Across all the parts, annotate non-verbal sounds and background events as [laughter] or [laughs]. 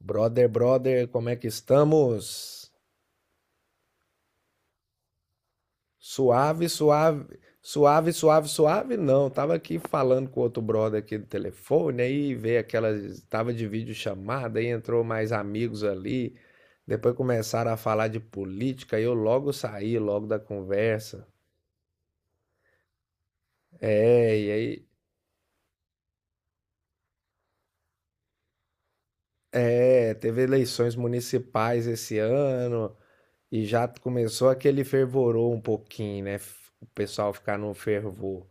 Brother, brother, como é que estamos? Suave, suave, suave, suave, suave, não. Tava aqui falando com outro brother aqui do telefone, aí veio aquela, tava de videochamada, aí entrou mais amigos ali. Depois começaram a falar de política, e eu logo saí, logo da conversa. É, e aí, é, teve eleições municipais esse ano e já começou aquele fervorou um pouquinho, né? O pessoal ficar no fervor.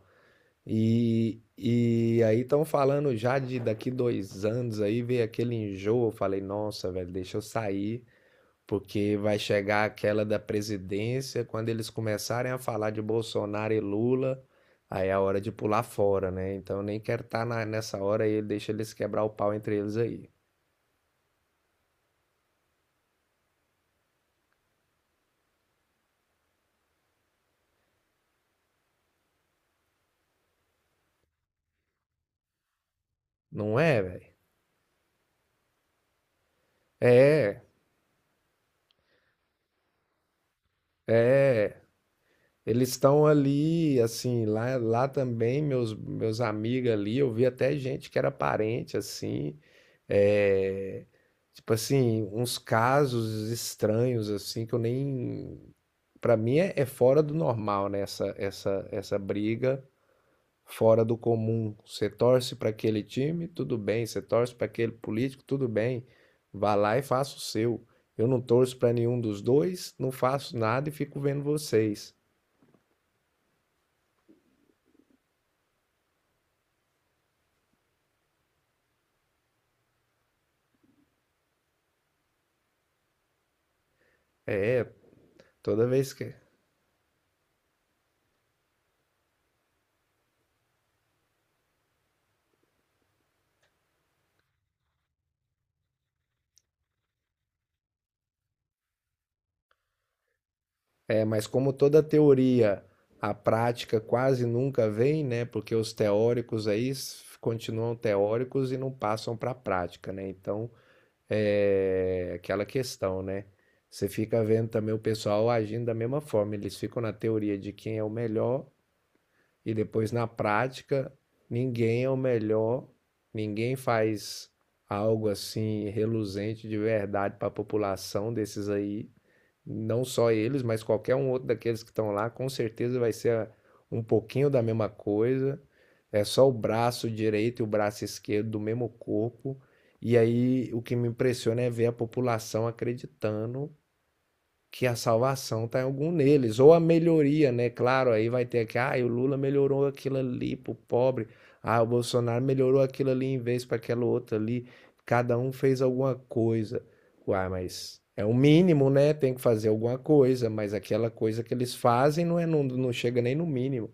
E aí estão falando já de daqui 2 anos aí, veio aquele enjoo. Eu falei, nossa, velho, deixa eu sair, porque vai chegar aquela da presidência, quando eles começarem a falar de Bolsonaro e Lula, aí é a hora de pular fora, né? Então eu nem quero estar nessa hora aí, deixa eles quebrar o pau entre eles aí. Não é, velho? É, eles estão ali, assim, lá também, meus amigos ali, eu vi até gente que era parente, assim, é, tipo assim, uns casos estranhos, assim, que eu nem. Pra mim é, é fora do normal, né? Essa briga fora do comum. Você torce para aquele time, tudo bem. Você torce para aquele político, tudo bem. Vá lá e faça o seu. Eu não torço para nenhum dos dois, não faço nada e fico vendo vocês. É, toda vez que. É, mas como toda teoria, a prática quase nunca vem, né? Porque os teóricos aí continuam teóricos e não passam para a prática, né? Então, é aquela questão, né? Você fica vendo também o pessoal agindo da mesma forma. Eles ficam na teoria de quem é o melhor e depois na prática ninguém é o melhor, ninguém faz algo assim reluzente de verdade para a população desses aí. Não só eles, mas qualquer um outro daqueles que estão lá, com certeza vai ser um pouquinho da mesma coisa. É só o braço direito e o braço esquerdo do mesmo corpo. E aí o que me impressiona é ver a população acreditando que a salvação está em algum neles, ou a melhoria, né? Claro, aí vai ter que, ah, o Lula melhorou aquilo ali pro pobre, ah, o Bolsonaro melhorou aquilo ali em vez para aquela outra ali, cada um fez alguma coisa. Uai, mas é o mínimo, né? Tem que fazer alguma coisa, mas aquela coisa que eles fazem não, é, não, não chega nem no mínimo.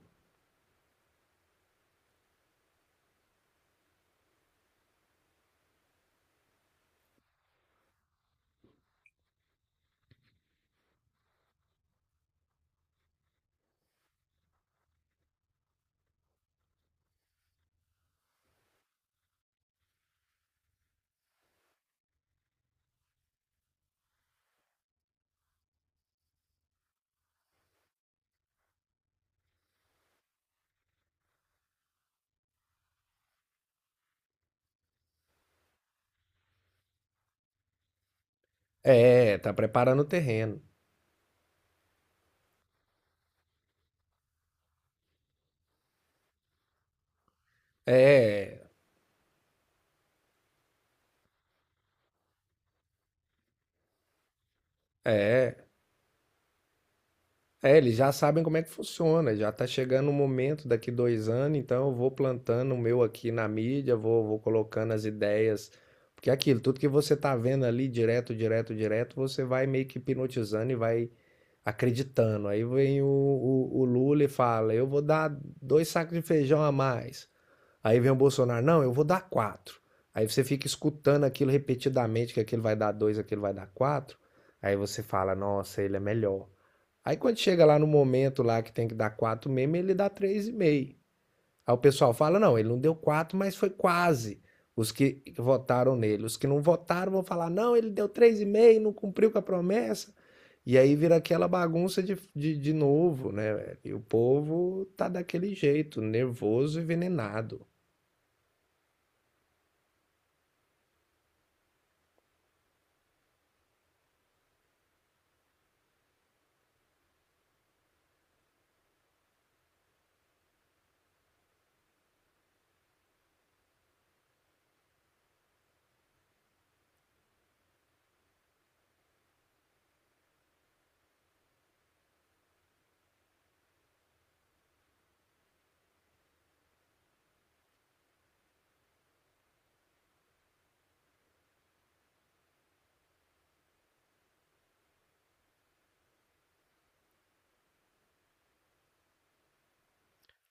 É, tá preparando o terreno. É, é, é, eles já sabem como é que funciona, já tá chegando o momento daqui 2 anos, então eu vou plantando o meu aqui na mídia, vou colocando as ideias, porque é aquilo, tudo que você tá vendo ali direto, direto, direto, você vai meio que hipnotizando e vai acreditando. Aí vem o Lula e fala, eu vou dar dois sacos de feijão a mais. Aí vem o Bolsonaro, não, eu vou dar quatro. Aí você fica escutando aquilo repetidamente, que aquele vai dar dois, aquele vai dar quatro. Aí você fala, nossa, ele é melhor. Aí quando chega lá no momento lá que tem que dar 4 mesmo, ele dá 3,5. Aí o pessoal fala: não, ele não deu 4 mas foi quase. Os que votaram nele. Os que não votaram vão falar: não, ele deu 3,5, não cumpriu com a promessa. E aí vira aquela bagunça de novo, né? E o povo tá daquele jeito, nervoso e envenenado.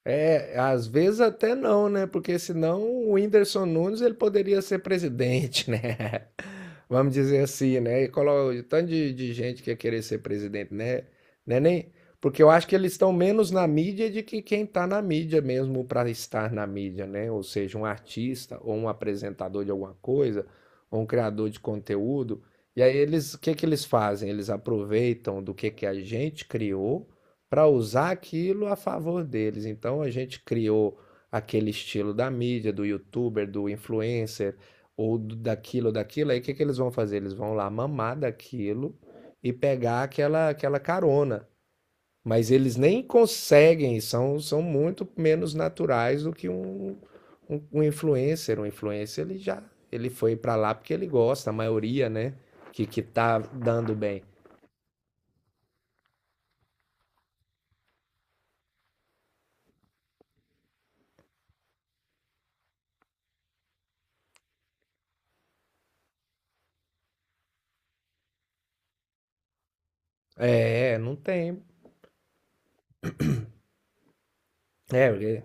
É, às vezes até não, né? Porque senão o Whindersson Nunes ele poderia ser presidente, [laughs] né? Vamos dizer assim, né? E coloca o tanto de gente que ia querer ser presidente, né? Né, nem? Porque eu acho que eles estão menos na mídia de que quem está na mídia mesmo para estar na mídia, né? Ou seja, um artista ou um apresentador de alguma coisa, ou um criador de conteúdo. E aí eles, o que que eles fazem? Eles aproveitam do que a gente criou para usar aquilo a favor deles. Então a gente criou aquele estilo da mídia, do youtuber, do influencer, ou daquilo ou daquilo, aí o que que eles vão fazer? Eles vão lá mamar daquilo e pegar aquela, aquela carona. Mas eles nem conseguem, são muito menos naturais do que um influencer. Um influencer, ele já ele foi para lá porque ele gosta, a maioria, né? Que tá dando bem. É, não tem. É, porque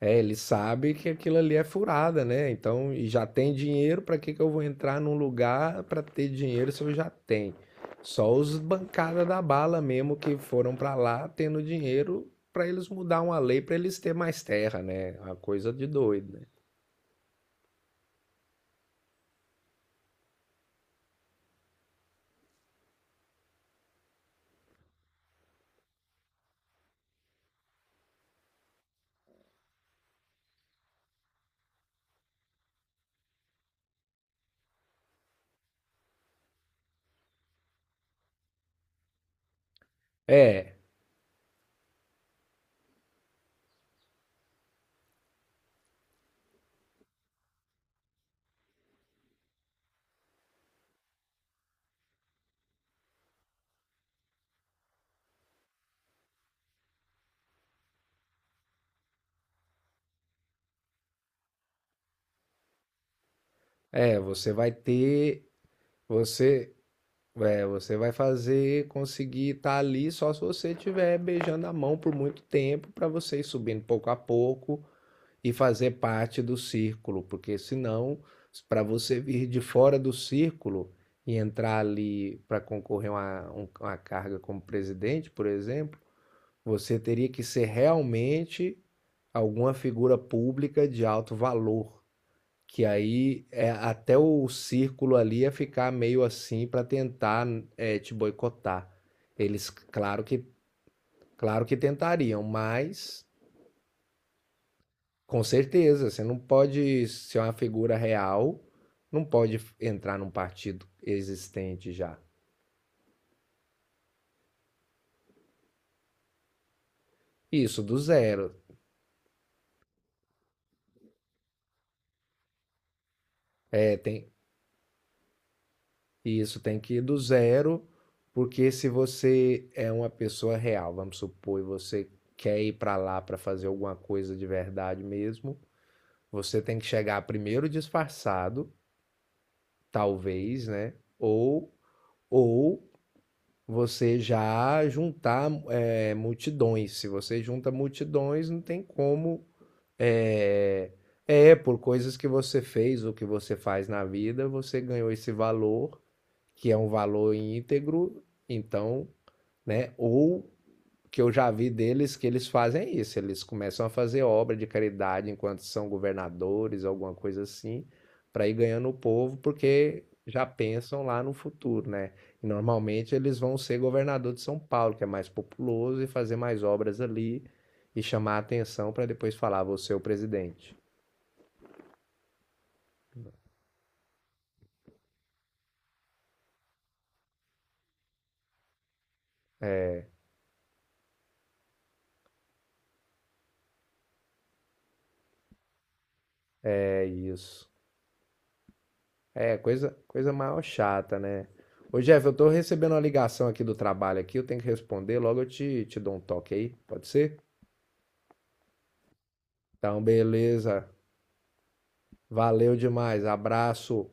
é, ele sabe que aquilo ali é furada, né? Então, e já tem dinheiro, para que que eu vou entrar num lugar para ter dinheiro se eu já tenho? Só os bancada da bala mesmo que foram para lá tendo dinheiro para eles mudar uma lei para eles ter mais terra, né? Uma coisa de doido, né? É, é, você vai ter, você, é, você vai fazer conseguir estar ali só se você tiver beijando a mão por muito tempo para você ir subindo pouco a pouco e fazer parte do círculo, porque senão, para você vir de fora do círculo e entrar ali para concorrer a uma, uma carga como presidente, por exemplo, você teria que ser realmente alguma figura pública de alto valor. Que aí é, até o círculo ali ia ficar meio assim para tentar é, te boicotar. Eles, claro que, tentariam, mas com certeza, você não pode ser uma figura real, não pode f- entrar num partido existente já. Isso do zero. É, tem, isso tem que ir do zero, porque se você é uma pessoa real, vamos supor, e você quer ir para lá para fazer alguma coisa de verdade mesmo, você tem que chegar primeiro disfarçado, talvez, né? Ou ou você já juntar é, multidões. Se você junta multidões, não tem como. É, é, por coisas que você fez ou que você faz na vida, você ganhou esse valor, que é um valor íntegro, então, né? Ou que eu já vi deles que eles fazem é isso. Eles começam a fazer obra de caridade enquanto são governadores, alguma coisa assim, para ir ganhando o povo, porque já pensam lá no futuro, né? E normalmente eles vão ser governador de São Paulo, que é mais populoso, e fazer mais obras ali e chamar a atenção para depois falar, você é o presidente. É isso. É, coisa, coisa maior chata, né? Ô Jeff, eu tô recebendo uma ligação aqui do trabalho aqui, eu tenho que responder, logo eu te dou um toque aí, pode ser? Então, beleza. Valeu demais. Abraço.